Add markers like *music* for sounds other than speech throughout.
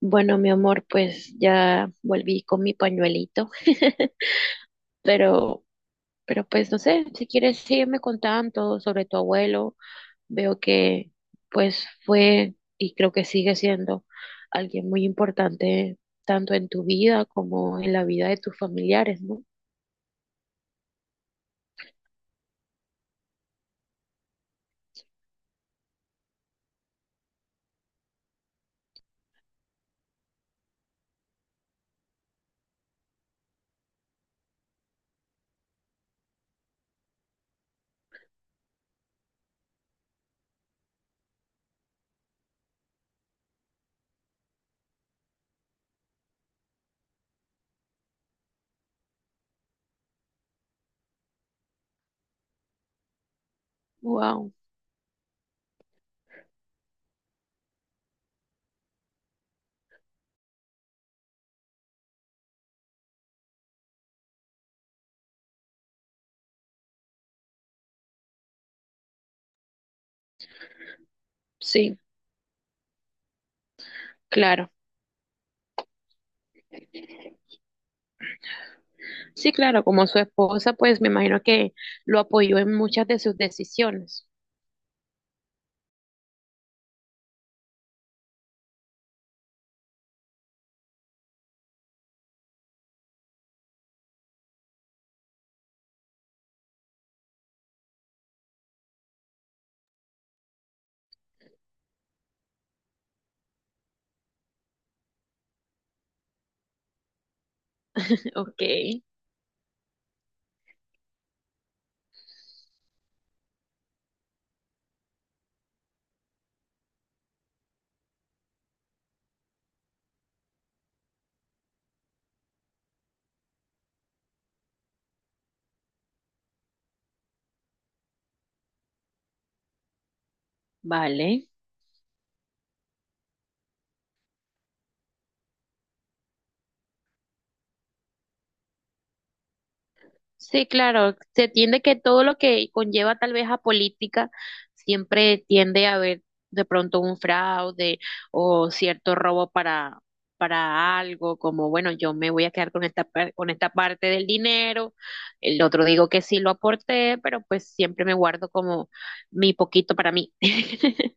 Bueno, mi amor, pues ya volví con mi pañuelito, pero, pero pues no sé, si quieres sígueme contando sobre tu abuelo. Veo que pues fue y creo que sigue siendo alguien muy importante tanto en tu vida como en la vida de tus familiares, ¿no? Wow, sí, claro. Sí, claro, como su esposa, pues me imagino que lo apoyó en muchas de sus decisiones. *laughs* Ok, vale. Sí, claro, se tiende que todo lo que conlleva tal vez a política siempre tiende a haber de pronto un fraude o cierto robo para algo, como bueno, yo me voy a quedar con con esta parte del dinero, el otro digo que sí lo aporté, pero pues siempre me guardo como mi poquito para mí. *laughs*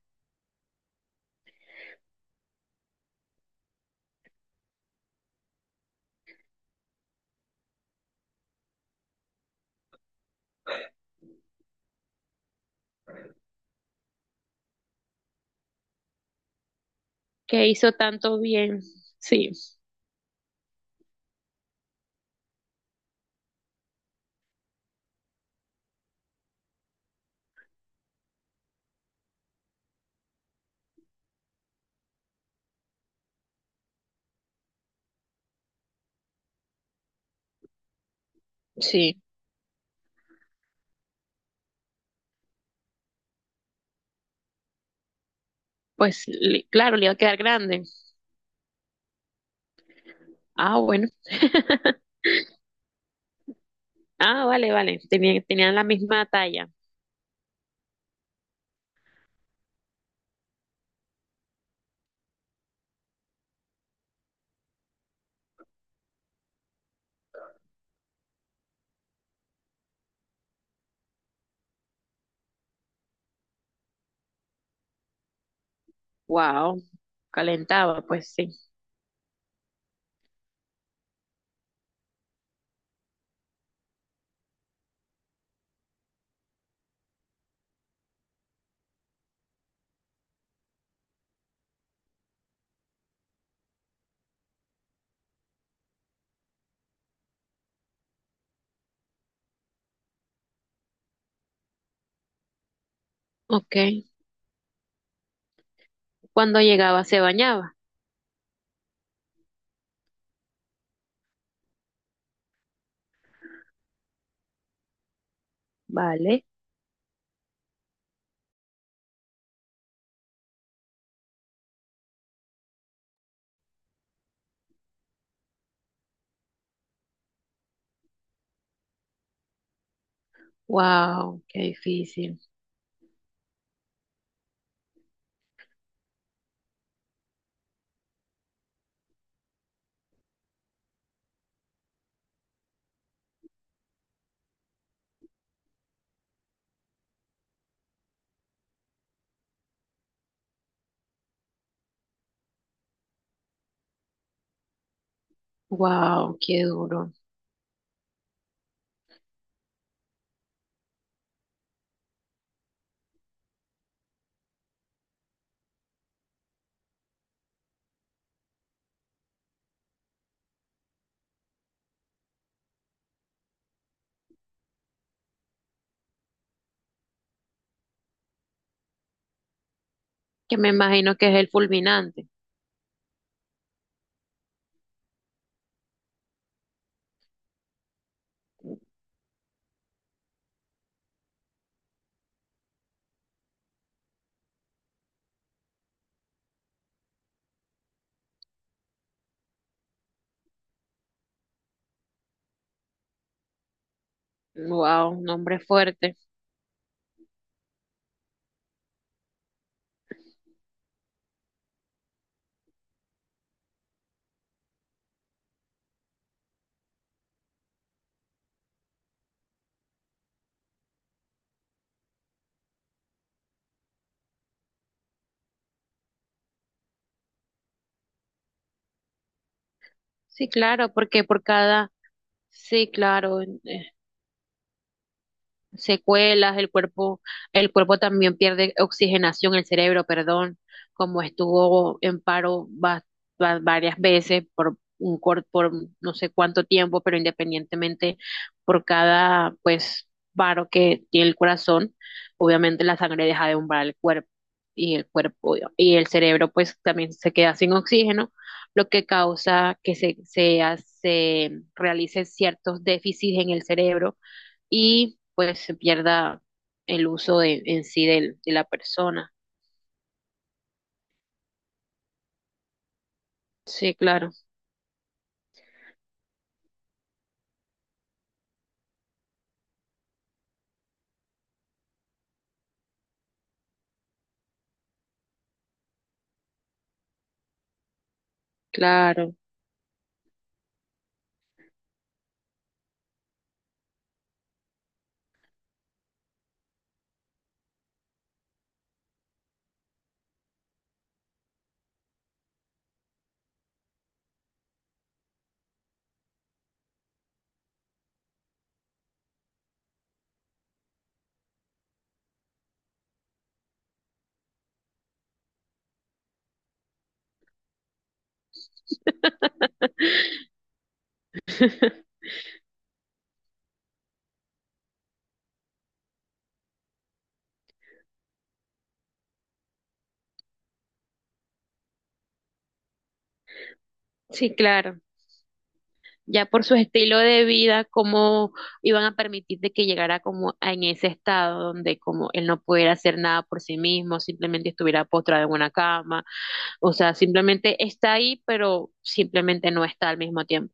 Que hizo tanto bien. Sí, sí, pues claro, le iba a quedar grande. Ah, bueno. *laughs* Ah, vale, vale. Tenían, tenían la misma talla. Wow. Calentaba, pues sí. Ok. Cuando llegaba se bañaba. Vale. Wow, qué difícil. Wow, qué duro. Que me imagino que es el fulminante. Wow, nombre fuerte. Sí, claro, porque por cada, sí, claro, secuelas, el cuerpo también pierde oxigenación, el cerebro, perdón, como estuvo en paro varias veces por por no sé cuánto tiempo, pero independientemente por cada pues paro que tiene el corazón, obviamente la sangre deja de umbrar el cuerpo y el cuerpo y el cerebro pues también se queda sin oxígeno, lo que causa que realice ciertos déficits en el cerebro y pues se pierda el uso de, de la persona. Sí, claro, claro. *laughs* Sí, claro. Ya por su estilo de vida, cómo iban a permitir de que llegara como en ese estado donde como él no pudiera hacer nada por sí mismo, simplemente estuviera postrado en una cama, o sea, simplemente está ahí, pero simplemente no está al mismo tiempo.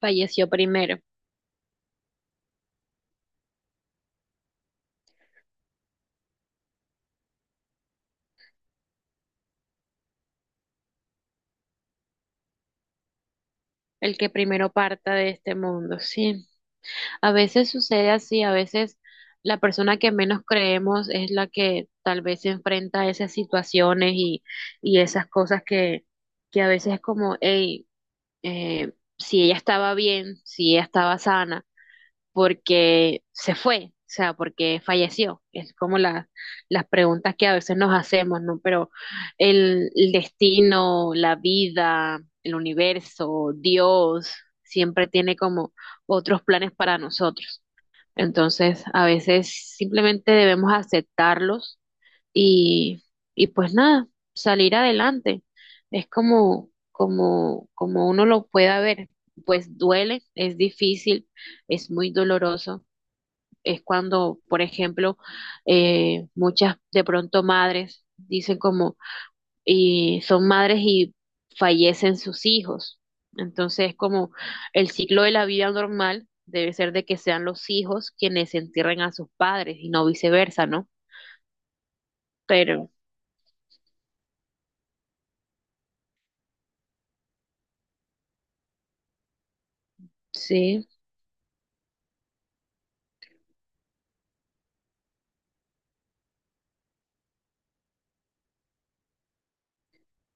Falleció primero, el que primero parta de este mundo, sí. A veces sucede así, a veces la persona que menos creemos es la que tal vez se enfrenta a esas situaciones y esas cosas que a veces es como, hey, si ella estaba bien, si ella estaba sana, porque se fue, o sea, porque falleció. Es como las preguntas que a veces nos hacemos, ¿no? Pero el destino, la vida, el universo, Dios, siempre tiene como otros planes para nosotros. Entonces, a veces simplemente debemos aceptarlos y, y pues nada, salir adelante. Es como, como, como uno lo pueda ver. Pues duele, es difícil, es muy doloroso. Es cuando, por ejemplo, muchas de pronto madres dicen como, y son madres y fallecen sus hijos. Entonces, como el ciclo de la vida normal debe ser de que sean los hijos quienes entierren a sus padres y no viceversa, ¿no? Pero sí,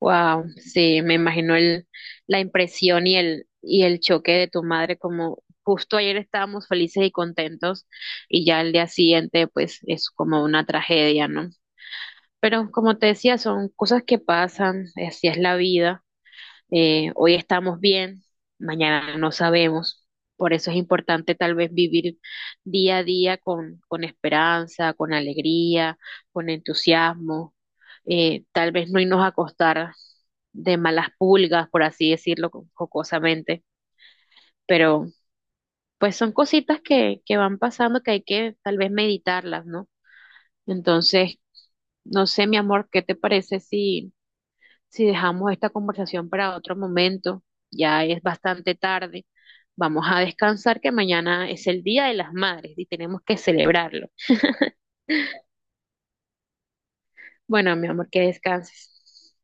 wow, sí, me imagino el, la impresión y el choque de tu madre como justo ayer estábamos felices y contentos y ya el día siguiente pues es como una tragedia, ¿no? Pero como te decía, son cosas que pasan, así es la vida. Hoy estamos bien, mañana no sabemos. Por eso es importante tal vez vivir día a día con esperanza, con alegría, con entusiasmo. Tal vez no irnos a acostar de malas pulgas, por así decirlo jocosamente, pero pues son cositas que van pasando que hay que tal vez meditarlas, ¿no? Entonces, no sé, mi amor, ¿qué te parece si... Si dejamos esta conversación para otro momento, ya es bastante tarde. Vamos a descansar que mañana es el Día de las Madres y tenemos que celebrarlo. Bueno, mi amor, que descanses.